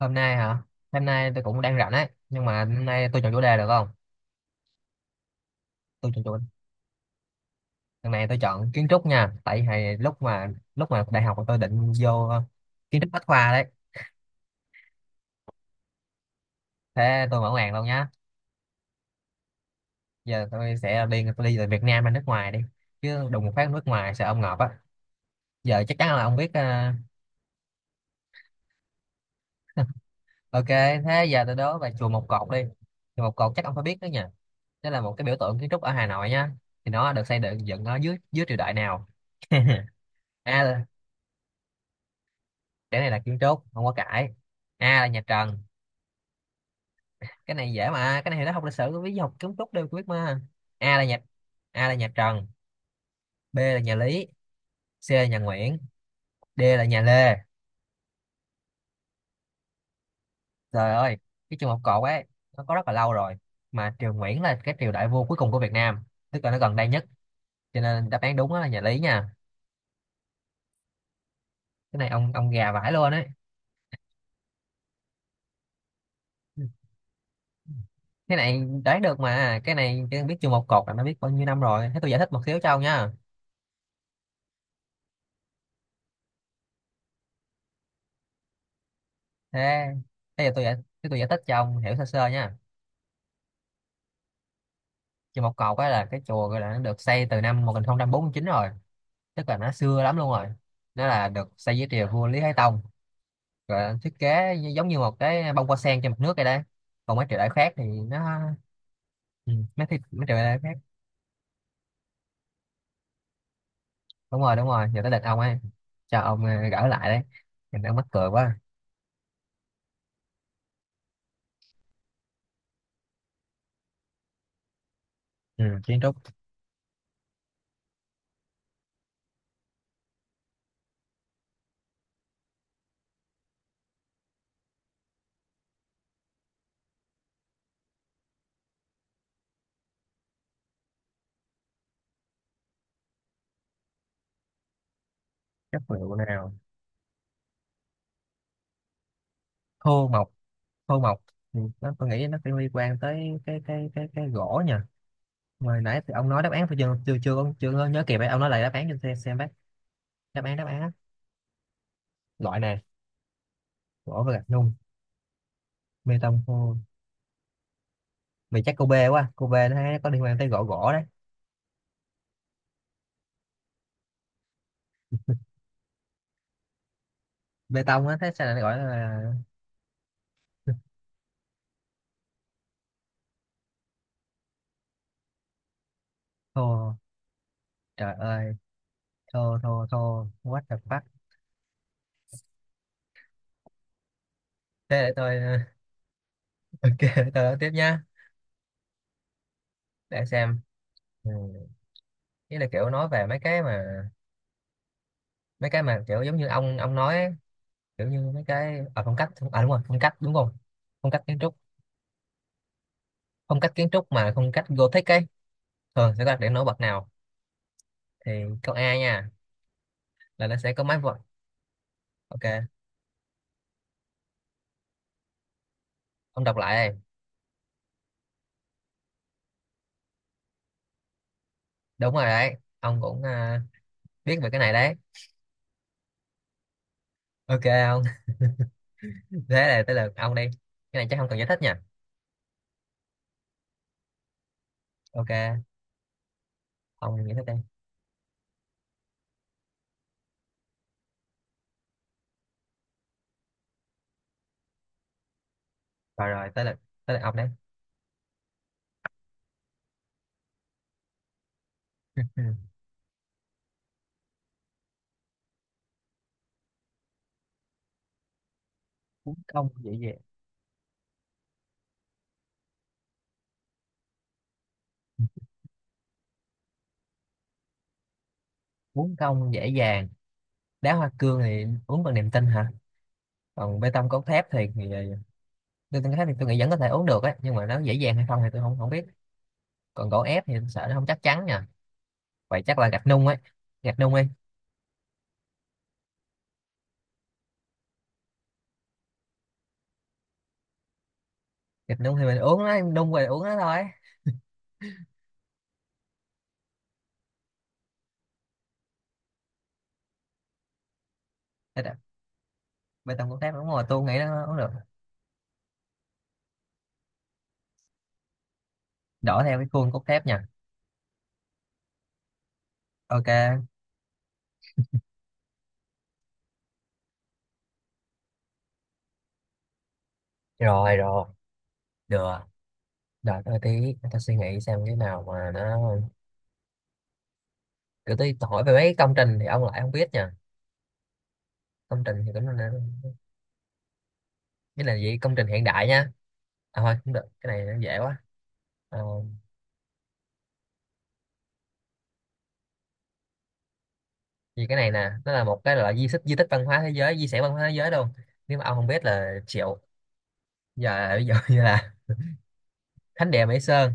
Hôm nay hả? Hôm nay tôi cũng đang rảnh ấy, nhưng mà hôm nay tôi chọn chủ đề được không? Tôi chọn chủ Lần này tôi chọn kiến trúc nha, tại vì lúc mà đại học tôi định vô kiến trúc Bách Khoa đấy. Thế tôi mở màn luôn nhá. Giờ tôi đi từ Việt Nam ra nước ngoài đi, chứ đùng một phát nước ngoài sợ ông ngợp á. Giờ chắc chắn là ông biết ok. Thế giờ tôi đố về chùa Một Cột đi. Chùa Một Cột chắc ông phải biết đó nha, đó là một cái biểu tượng kiến trúc ở Hà Nội nhá. Thì nó được xây dựng dựng ở dưới dưới triều đại nào? A, cái này là kiến trúc không có cãi. A là nhà Trần. Cái này dễ mà, cái này thì nó học lịch sử với học kiến trúc đều biết mà. A là nhà A là nhà Trần, B là nhà Lý, C là nhà Nguyễn, D là nhà Lê. Trời ơi, cái trường học cột ấy nó có rất là lâu rồi, mà triều Nguyễn là cái triều đại vua cuối cùng của Việt Nam, tức là nó gần đây nhất, cho nên đáp án đúng đó là nhà Lý nha. Cái này ông gà vãi luôn ấy. Cái này đoán được mà, cái này cái biết trường một cột là nó biết bao nhiêu năm rồi. Thế tôi giải thích một xíu cho ông nha. Thế thế giờ tôi giải Thế tôi giải thích cho ông hiểu sơ sơ nha. Chùa Một Cột á là cái chùa, gọi là nó được xây từ năm 1049 rồi, tức là nó xưa lắm luôn rồi. Nó là được xây dưới triều vua Lý Thái Tông, rồi nó thiết kế giống như một cái bông hoa sen trên mặt nước vậy đấy. Còn mấy triều đại khác thì nó mấy triều đại khác. Đúng rồi, đúng rồi, giờ tới lượt ông ấy, cho ông gỡ lại đấy. Mình đang mắc cười quá. Ừ, kiến trúc. Chất liệu nào? Thô mộc. Thô mộc thì nó tôi nghĩ nó phải liên quan tới cái gỗ nhỉ. Hồi nãy thì ông nói đáp án tôi chưa có nhớ kịp ấy. Ông nói lại đáp án cho tôi xem bác. Đáp án á. Loại này, gỗ và gạch nung, bê tông khô. Mày chắc cô B quá, cô B, nó thấy có liên quan tới gỗ gỗ đấy. Bê tông á, thế sao lại gọi là thô. Trời ơi, thô thô thô, what the fuck. Thế để tôi ok, để tôi nói tiếp nha. Để xem. Ừ. Ý là kiểu nói về mấy cái mà kiểu giống như ông nói ấy. Kiểu như mấy cái ở phong cách, à đúng rồi, phong cách đúng không, phong cách kiến trúc. Phong cách kiến trúc mà phong cách Gothic ấy thường sẽ đặt điểm nổi bật nào? Thì câu A nha, là nó sẽ có máy vượt. Ok, ông đọc lại đây. Đúng rồi đấy, ông cũng biết về cái này đấy. Ok ông. Thế là tới lượt ông đi, cái này chắc không cần giải thích nha. Ok, ông giải thích đi. Rồi rồi, tới lượt ông đấy. Uống công dễ dàng. Uống công dễ dàng. Đá hoa cương thì uống bằng niềm tin hả? Còn bê tông cốt thép thì bê tông cốt thép thì tôi nghĩ vẫn có thể uống được á, nhưng mà nó dễ dàng hay không thì tôi không không biết. Còn gỗ ép thì tôi sợ nó không chắc chắn nha. Vậy chắc là gạch nung ấy, gạch nung đi. Thịt nung thì mình uống nó, em đun rồi uống nó thôi. Thịt à? Bê tông cốt thép đúng rồi, tôi nghĩ nó uống được, đổ theo cái khuôn cốt thép nha. Ok, rồi rồi, được. Đợi tôi tí, để tôi suy nghĩ xem cái nào mà nó. Cứ tí tôi hỏi về mấy công trình thì ông lại không biết nha. Công trình thì cũng là cái là gì công trình hiện đại nha. À thôi cũng được, cái này nó dễ quá. Ờ, vì cái này nè, nó là một cái loại di tích văn hóa thế giới, di sản văn hóa thế giới luôn, nếu mà ông không biết là chịu. Bây giờ như là thánh địa Mỹ Sơn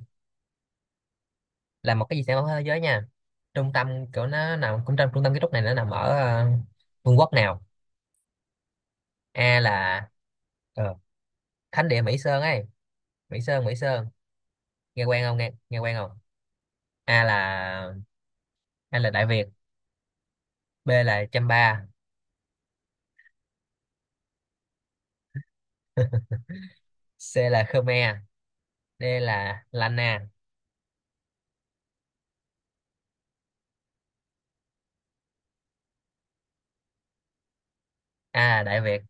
là một cái di sản văn hóa thế giới nha. Trung tâm kiểu nó nằm cũng trong trung tâm kiến trúc, này nó nằm ở vương quốc nào? A là ờ, thánh địa Mỹ Sơn ấy, Mỹ Sơn Mỹ Sơn, nghe quen không, nghe nghe quen không? a là A là Đại Việt, B là Chăm, C là Khmer, D là Lana. A là Đại Việt.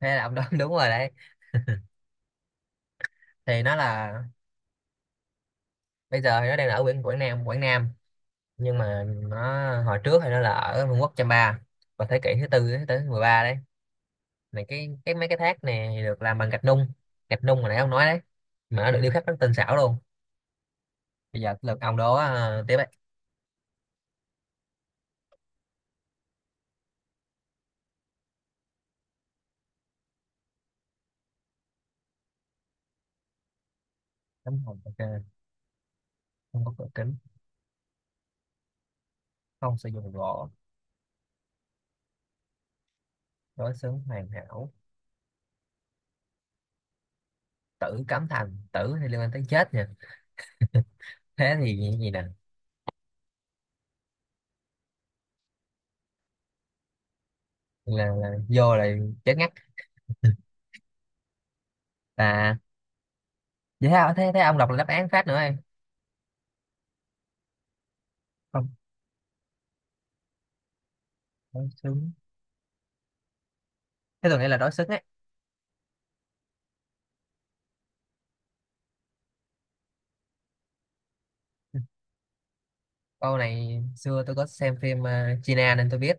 Thế là ông đoán đúng rồi đấy. Thì nó là, bây giờ thì nó đang ở Quảng Quảng Nam, Quảng Nam, nhưng mà nó hồi trước thì nó là ở Vương quốc Chăm Pa vào thế kỷ thứ tư thứ tới 13 đấy. Này cái mấy cái thác nè thì được làm bằng gạch nung, gạch nung mà nãy ông nói đấy, mà nó được điêu khắc rất tinh xảo luôn. Bây giờ lượt ông đó, tiếp đấy. Tấm hồng ok. Không có cửa kính. Không sử dụng gỗ. Đối xứng hoàn hảo. Tử Cấm Thành, tử thì liên quan tới chết nha, thế thì gì, gì nè? Là chết ngắt là. Vậy thế, thế thế ông đọc là đáp án phát nữa em. Không. Đối xứng. Thế tôi nghĩ là đối xứng ấy. Câu này xưa tôi có xem phim China nên tôi biết.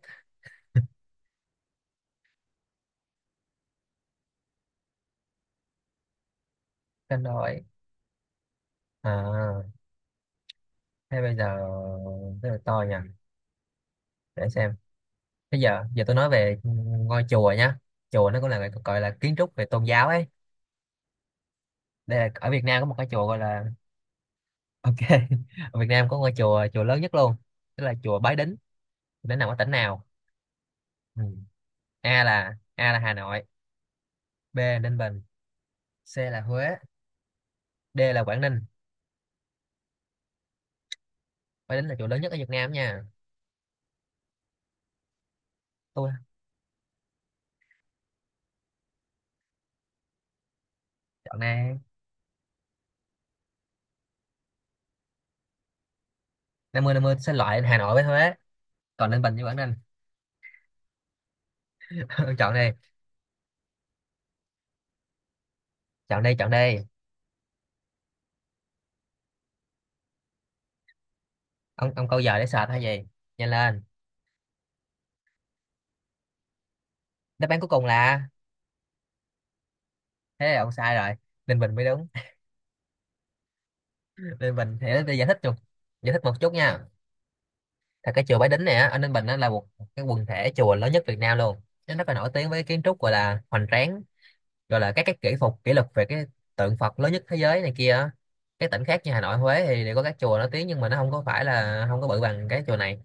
Cân đối. À thế bây giờ rất là to nha, để xem. Bây giờ giờ tôi nói về ngôi chùa nhá. Chùa nó cũng là gọi là kiến trúc về tôn giáo ấy. Đây là ở Việt Nam có một cái chùa gọi là ok. Ở Việt Nam có ngôi chùa chùa lớn nhất luôn, tức là chùa Bái Đính. Nó nằm ở tỉnh nào? Ừ. A là Hà Nội, B là Ninh Bình, C là Huế, D là Quảng Ninh. Bái Đính là chùa lớn nhất ở Việt Nam nha. Tôi chọn này, 50/50 xin loại Hà Nội với Huế, còn Ninh Bình với Quảng Ninh. Ông chọn đi, chọn đi, chọn đi. Ông câu giờ để sệt hay gì? Nhanh lên. Đáp án cuối cùng là, thế là ông sai rồi. Ninh Bình mới đúng. Ninh Bình thì để giải thích một chút nha. Thật cái chùa Bái Đính này á, ở Ninh Bình, nó là một cái quần thể chùa lớn nhất Việt Nam luôn, nó rất là nổi tiếng với kiến trúc gọi là hoành tráng, gọi là các cái kỹ phục kỷ lục về cái tượng Phật lớn nhất thế giới này kia á. Các tỉnh khác như Hà Nội, Huế thì đều có các chùa nổi tiếng, nhưng mà nó không có phải là, không có bự bằng cái chùa này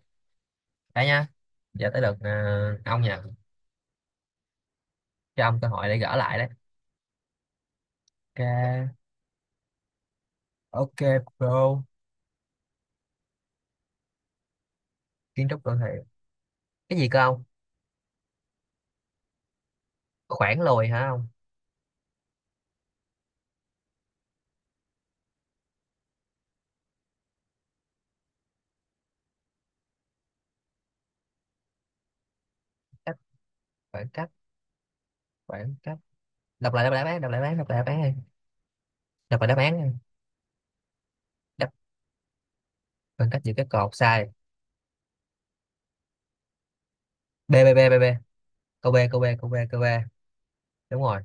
đấy nha. Giờ tới lượt à, ông nha, cho ông cơ hội để gỡ lại đấy. Ok, ok bro. Kiến trúc đô thị. Cái gì cơ ông? Khoảng lùi hả ông? cách Khoảng cách, khoảng cách. Đọc lại bán đọc lại bán. Đọc lại đáp án nha. Đáp, khoảng cách giữa các cột sai. B b b b B. Câu B. Đúng rồi.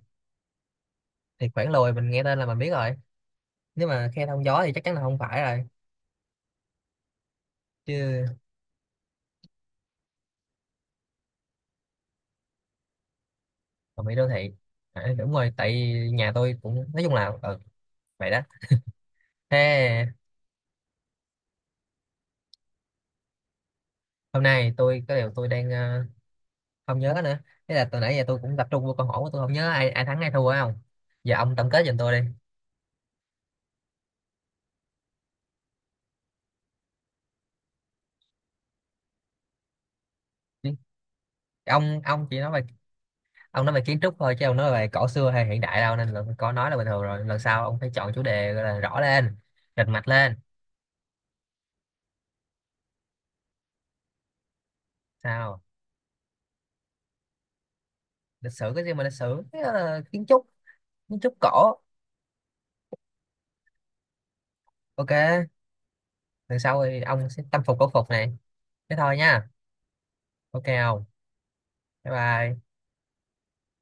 Thì khoảng lồi mình nghe tên là mình biết rồi, nếu mà khe thông gió thì chắc chắn là không phải rồi chứ. Còn bị đô thị, à đúng rồi, tại vì nhà tôi cũng, nói chung là ừ, vậy đó. Thế. Hôm nay tôi có điều tôi đang không nhớ nữa. Thế là từ nãy giờ tôi cũng tập trung vô câu hỏi của tôi, không nhớ ai ai thắng ai thua phải không? Giờ ông tổng kết giùm tôi đi. Ông chỉ nói về, ông nói về kiến trúc thôi chứ ông nói về cổ xưa hay hiện đại đâu, nên là có nói là bình thường rồi, lần sau ông phải chọn chủ đề gọi là rõ lên, rành mạch lên. Sao? Lịch sử cái gì mà lịch sử? Thế là kiến trúc cổ. Ok, lần sau thì ông sẽ tâm phục khẩu phục này. Thế thôi nha. Ok không? Bye bye.